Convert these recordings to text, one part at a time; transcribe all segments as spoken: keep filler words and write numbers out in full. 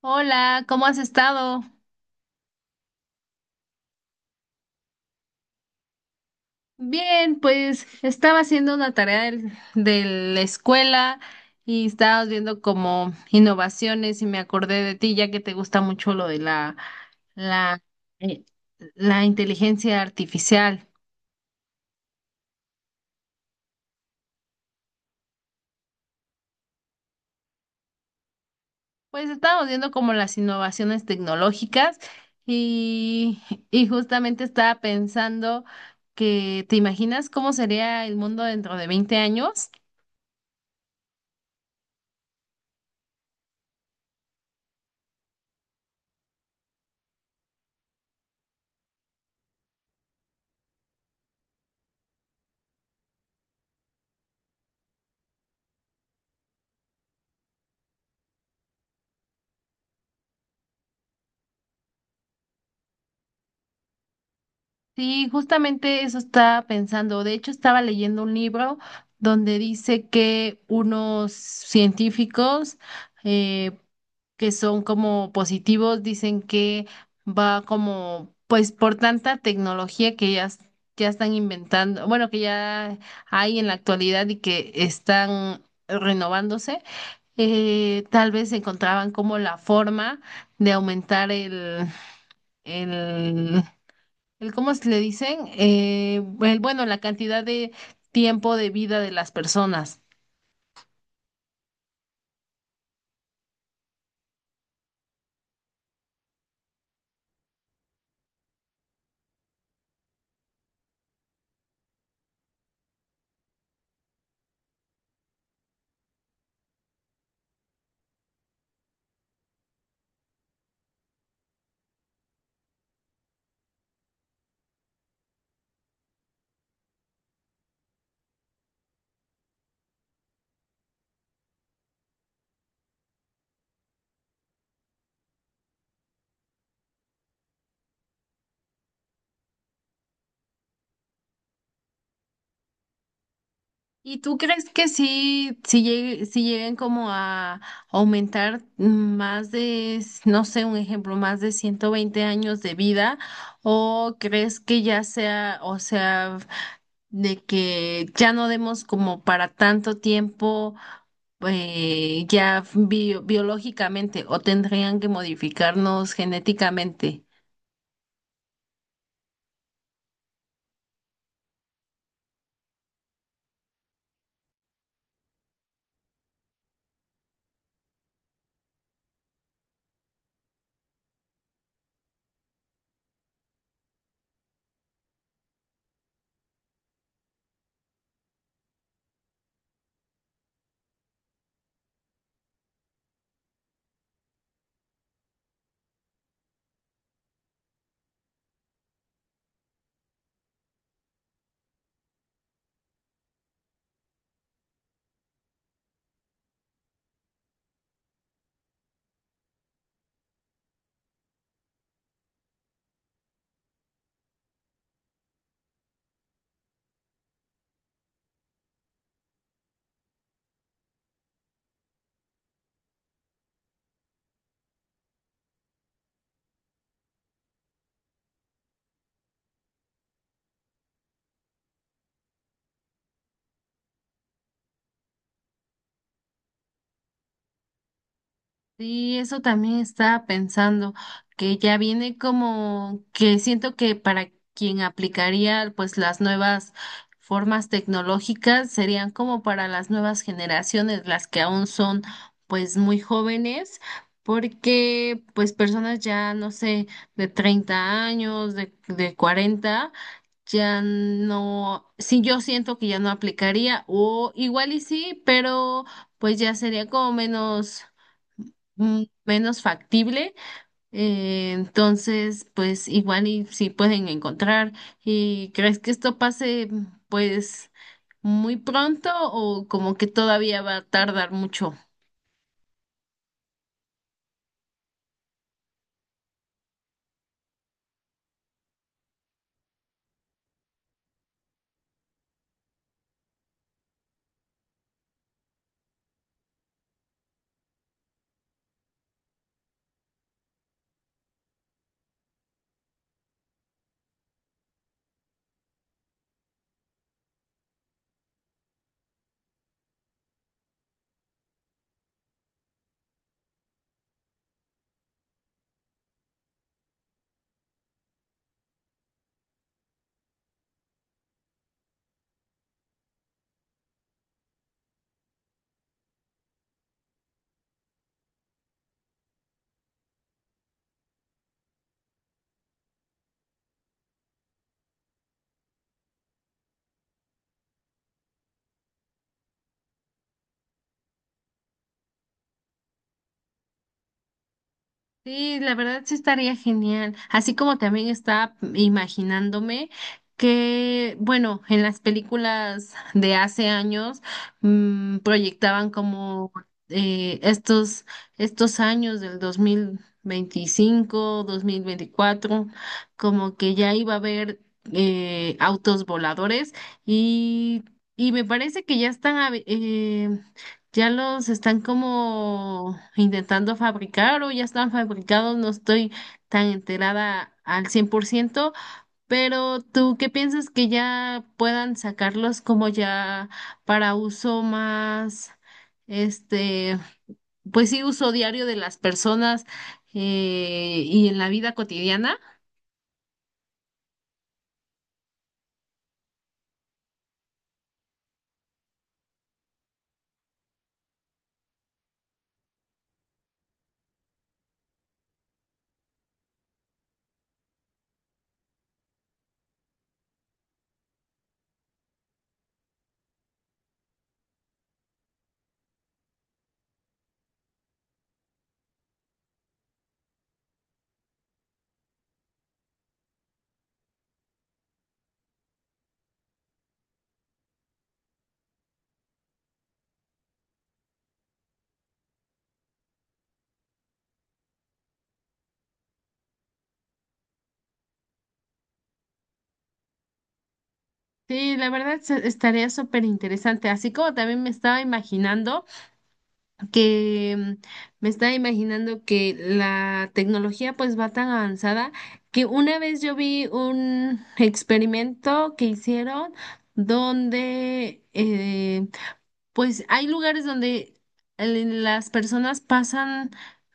Hola, ¿cómo has estado? Bien, pues estaba haciendo una tarea del- de la escuela y estábamos viendo como innovaciones y me acordé de ti, ya que te gusta mucho lo de la, la, eh, la inteligencia artificial. Pues estábamos viendo como las innovaciones tecnológicas y, y justamente estaba pensando que, ¿te imaginas cómo sería el mundo dentro de veinte años? Sí, justamente eso estaba pensando. De hecho, estaba leyendo un libro donde dice que unos científicos eh, que son como positivos dicen que va como, pues por tanta tecnología que ya, s- ya están inventando, bueno, que ya hay en la actualidad y que están renovándose, eh, tal vez encontraban como la forma de aumentar el... el el cómo se le dicen, eh, el- bueno, la cantidad de tiempo de vida de las personas. ¿Y tú crees que sí, si lleguen, si lleguen como a aumentar más de, no sé, un ejemplo, más de ciento veinte años de vida? ¿O crees que ya sea, o sea, de que ya no demos como para tanto tiempo eh, ya bio- biológicamente o tendrían que modificarnos genéticamente? Sí, eso también estaba pensando, que ya viene como que siento que para quien aplicaría pues las nuevas formas tecnológicas serían como para las nuevas generaciones, las que aún son pues muy jóvenes, porque pues personas ya no sé, de treinta años, de, de cuarenta ya no, sí, yo siento que ya no aplicaría, o igual y sí, pero pues ya sería como menos, mm, menos factible. Eh, entonces, pues igual y sí pueden encontrar. ¿Y crees que esto pase pues muy pronto o como que todavía va a tardar mucho? Sí, la verdad sí estaría genial. Así como también estaba imaginándome que, bueno, en las películas de hace años mm, proyectaban como eh, estos, estos años del dos dos mil veinticinco, dos mil veinticuatro, como que ya iba a haber eh, autos voladores y, y me parece que ya están ya los están como intentando fabricar o ya están fabricados, no estoy tan enterada al cien por ciento, pero ¿tú qué piensas que ya puedan sacarlos como ya para uso más, este, pues sí, uso diario de las personas eh, y en la vida cotidiana? Sí, la verdad se- estaría súper interesante, así como también me estaba imaginando que mm, me estaba imaginando que la tecnología pues va tan avanzada que una vez yo vi un experimento que hicieron donde eh, pues hay lugares donde el- las personas pasan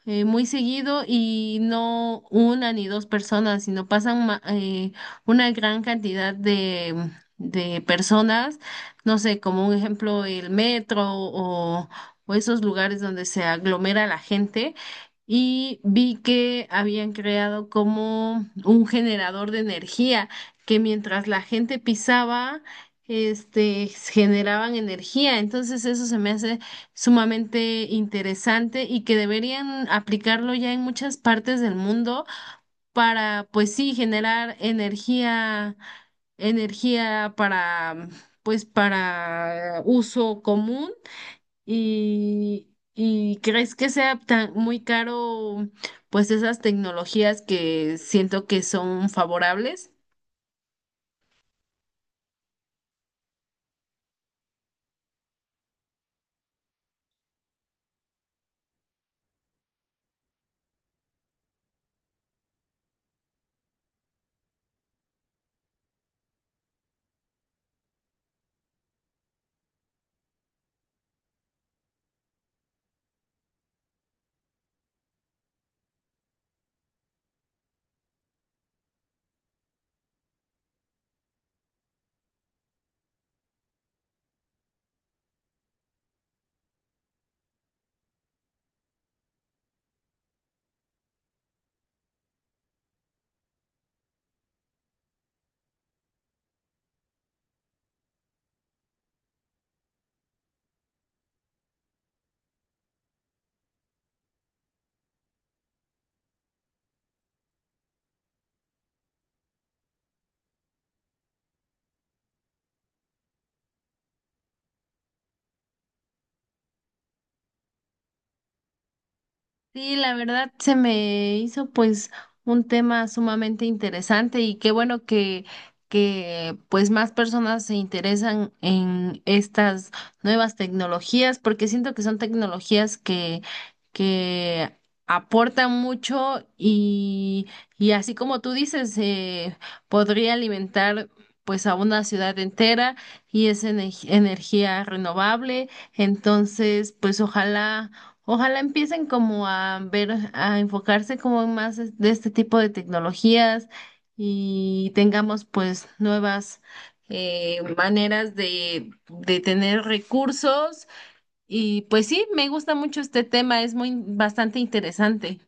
eh, muy seguido y no una ni dos personas, sino pasan ma- eh, una gran cantidad de, de personas, no sé, como un ejemplo el metro o, o esos lugares donde se aglomera la gente. Y vi que habían creado como un generador de energía que mientras la gente pisaba este, generaban energía. Entonces eso se me hace sumamente interesante y que deberían aplicarlo ya en muchas partes del mundo para, pues sí, generar energía, energía para, pues para uso común y... ¿Y crees que sea tan muy caro, pues esas tecnologías que siento que son favorables? Sí, la verdad se me hizo pues un tema sumamente interesante y qué bueno que, que pues más personas se interesan en estas nuevas tecnologías porque siento que son tecnologías que, que aportan mucho y, y así como tú dices, eh, podría alimentar pues a una ciudad entera y es enej- energía renovable. Entonces, pues ojalá Ojalá empiecen como a ver, a enfocarse como en más es- de este tipo de tecnologías y tengamos pues nuevas eh, maneras de, de tener recursos. Y pues sí, me gusta mucho este tema, es muy bastante interesante.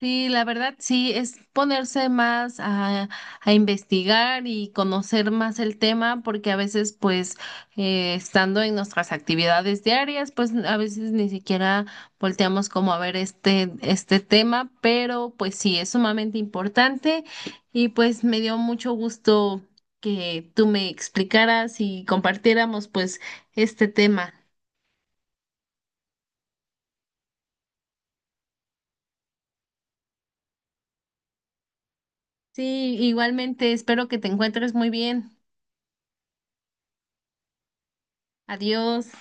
Sí, la verdad, sí, es ponerse más a, a investigar y conocer más el tema, porque a veces, pues, eh, estando en nuestras actividades diarias, pues a veces ni siquiera volteamos como a ver este, este tema, pero pues sí, es sumamente importante y pues me dio mucho gusto que tú me explicaras y compartiéramos pues este tema. Sí, igualmente, espero que te encuentres muy bien. Adiós.